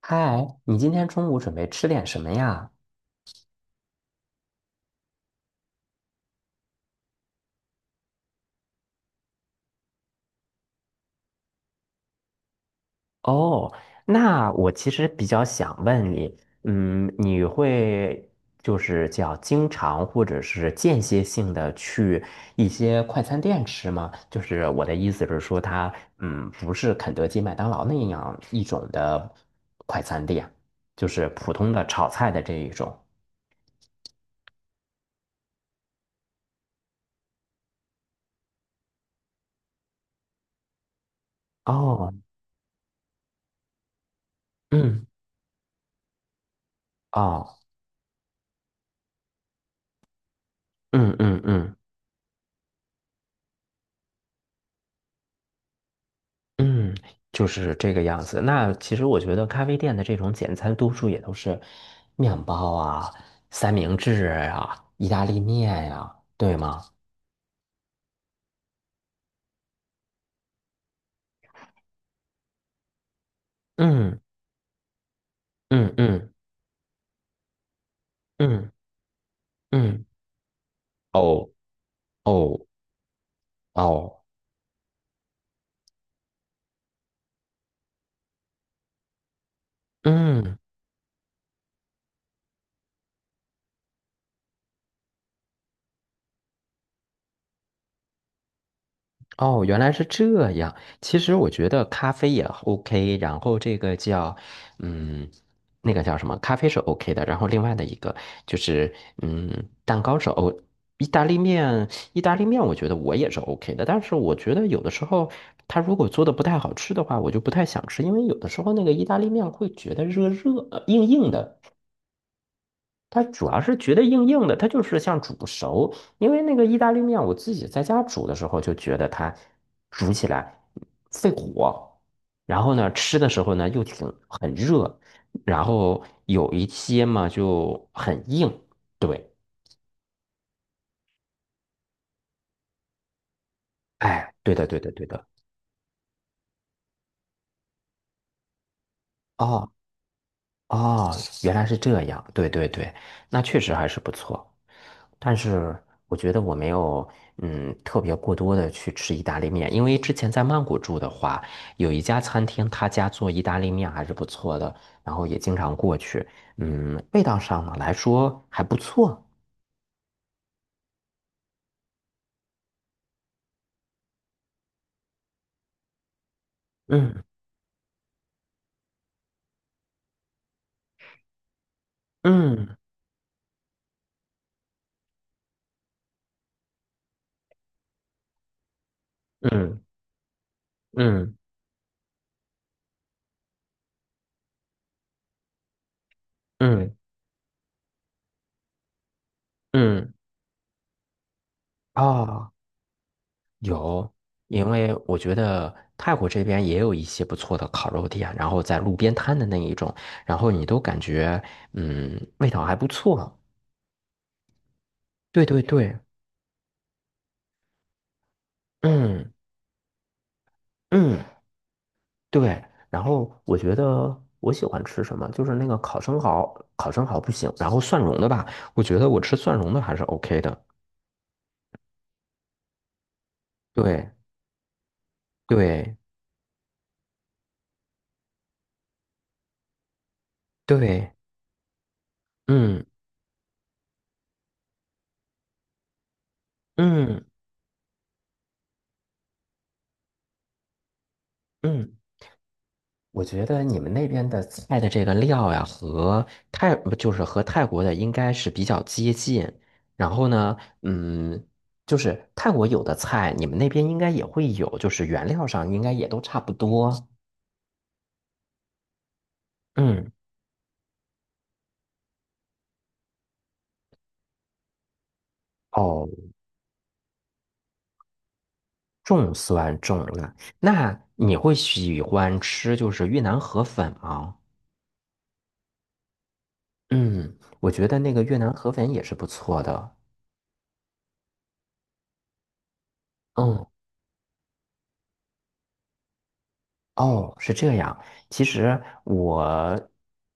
嗨，你今天中午准备吃点什么呀？哦，那我其实比较想问你，你会就是叫经常或者是间歇性的去一些快餐店吃吗？就是我的意思是说它，不是肯德基、麦当劳那样一种的快餐店，就是普通的炒菜的这一种。哦，嗯，哦，嗯嗯嗯。嗯，就是这个样子。那其实我觉得咖啡店的这种简餐，多数也都是面包啊、三明治啊、意大利面呀、对吗？嗯嗯嗯嗯嗯，哦哦哦，嗯。哦，原来是这样。其实我觉得咖啡也 OK，然后这个叫，嗯，那个叫什么？咖啡是 OK 的，然后另外的一个就是，嗯，蛋糕是 O，意大利面，意大利面我觉得我也是 OK 的，但是我觉得有的时候它如果做的不太好吃的话，我就不太想吃，因为有的时候那个意大利面会觉得热热，硬硬的。它主要是觉得硬硬的，它就是像煮不熟。因为那个意大利面，我自己在家煮的时候就觉得它煮起来费火，然后呢，吃的时候呢又挺很热，然后有一些嘛就很硬。对，哎，对的，对的，对的。哦，原来是这样，对对对，那确实还是不错。但是我觉得我没有特别过多的去吃意大利面，因为之前在曼谷住的话，有一家餐厅，他家做意大利面还是不错的，然后也经常过去，味道上呢来说还不错。嗯嗯嗯嗯嗯嗯，啊。有，因为我觉得泰国这边也有一些不错的烤肉店，然后在路边摊的那一种，然后你都感觉味道还不错。对对对，嗯嗯对。然后我觉得我喜欢吃什么，就是那个烤生蚝，烤生蚝不行，然后蒜蓉的吧，我觉得我吃蒜蓉的还是 OK 的。对对对，嗯嗯嗯。我觉得你们那边的菜的这个料呀，和泰不就是和泰国的应该是比较接近。然后呢，嗯，就是泰国有的菜，你们那边应该也会有，就是原料上应该也都差不多。嗯，哦，重酸重辣。那你会喜欢吃就是越南河粉吗？嗯，我觉得那个越南河粉也是不错的。嗯。哦，是这样。其实我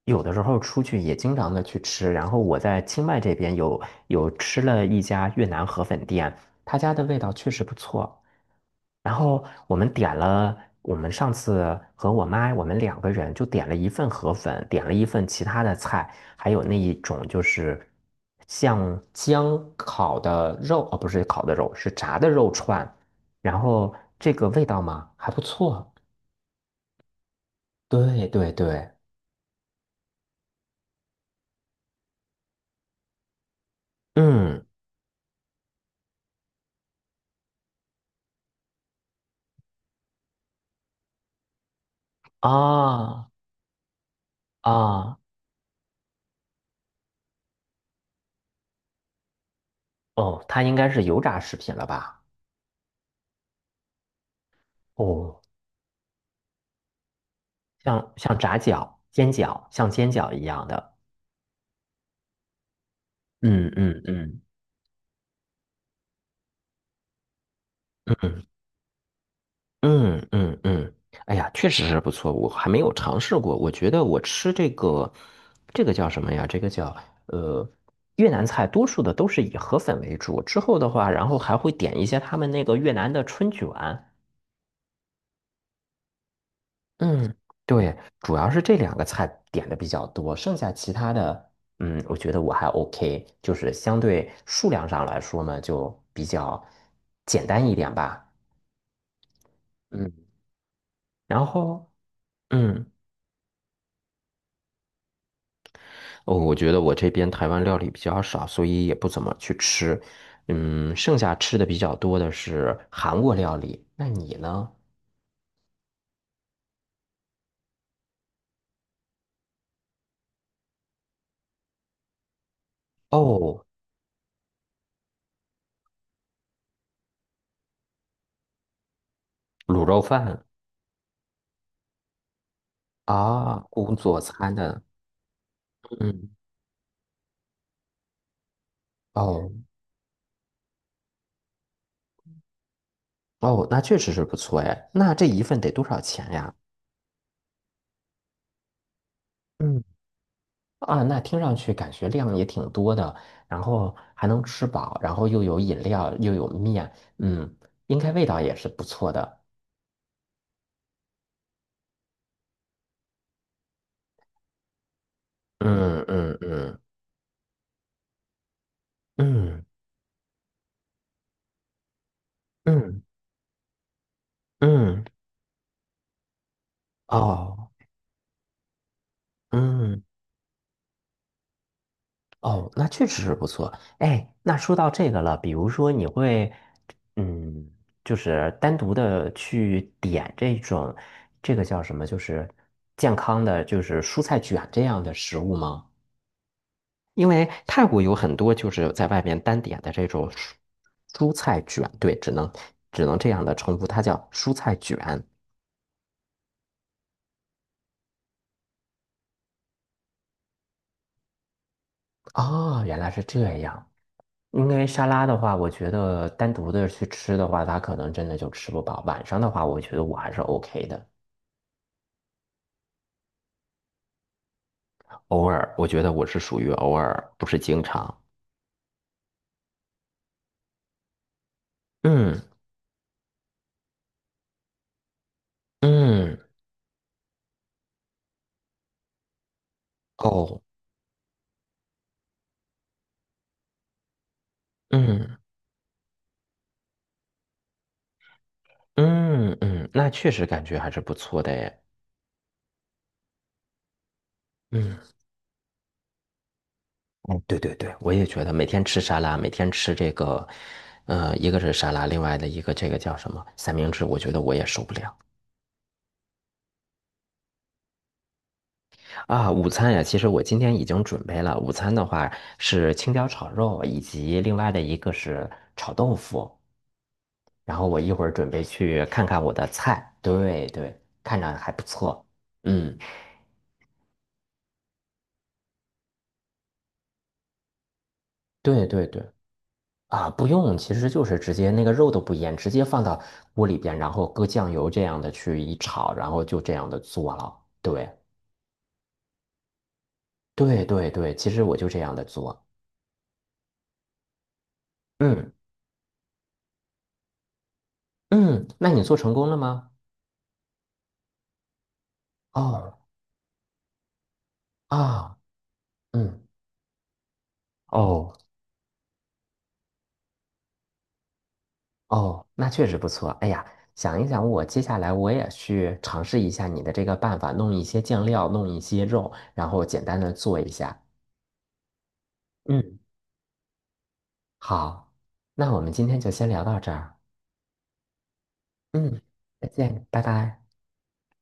有的时候出去也经常的去吃，然后我在清迈这边有吃了一家越南河粉店，他家的味道确实不错。然后我们点了，我们上次和我妈我们两个人就点了一份河粉，点了一份其他的菜，还有那一种就是像姜烤的肉，哦，不是烤的肉，是炸的肉串，然后这个味道嘛还不错。对对对，嗯啊啊哦，它应该是油炸食品了吧？哦，像炸饺、煎饺，像煎饺一样的。嗯嗯嗯嗯嗯嗯嗯，哎呀，确实是不错，我还没有尝试过。我觉得我吃这个，这个叫什么呀？这个叫呃越南菜，多数的都是以河粉为主。之后的话，然后还会点一些他们那个越南的春卷。嗯，对，主要是这两个菜点的比较多，剩下其他的，我觉得我还 OK，就是相对数量上来说呢，就比较简单一点吧。嗯，然后，嗯，哦，我觉得我这边台湾料理比较少，所以也不怎么去吃。剩下吃的比较多的是韩国料理。那你呢？哦，卤肉饭啊，工作餐的，嗯，哦。哦，那确实是不错哎。那这一份得多少钱呀？嗯。啊，那听上去感觉量也挺多的，然后还能吃饱，然后又有饮料，又有面，嗯，应该味道也是不错的。嗯嗯嗯嗯嗯嗯，哦，嗯。哦，那确实是不错。哎，那说到这个了，比如说你会，嗯，就是单独的去点这种，这个叫什么？就是健康的，就是蔬菜卷这样的食物吗？因为泰国有很多就是在外面单点的这种蔬菜卷，对，只能这样的称呼，它叫蔬菜卷。哦，原来是这样。因为沙拉的话，我觉得单独的去吃的话，它可能真的就吃不饱。晚上的话，我觉得我还是 OK 的，偶尔，我觉得我是属于偶尔，不是经常。嗯嗯哦嗯嗯嗯，那确实感觉还是不错的诶。嗯，嗯，对对对，我也觉得每天吃沙拉，每天吃这个，一个是沙拉，另外的一个这个叫什么三明治，我觉得我也受不了。啊，午餐呀，其实我今天已经准备了。午餐的话是青椒炒肉，以及另外的一个是炒豆腐。然后我一会儿准备去看看我的菜，对对，看着还不错。嗯，对对对，啊，不用，其实就是直接那个肉都不腌，直接放到锅里边，然后搁酱油这样的去一炒，然后就这样的做了。对对对对，其实我就这样的做。嗯嗯，那你做成功了吗？哦啊，嗯。哦，哦，那确实不错。哎呀，想一想，我接下来我也去尝试一下你的这个办法，弄一些酱料，弄一些肉，然后简单的做一下。嗯，好，那我们今天就先聊到这儿。嗯，再见，拜拜。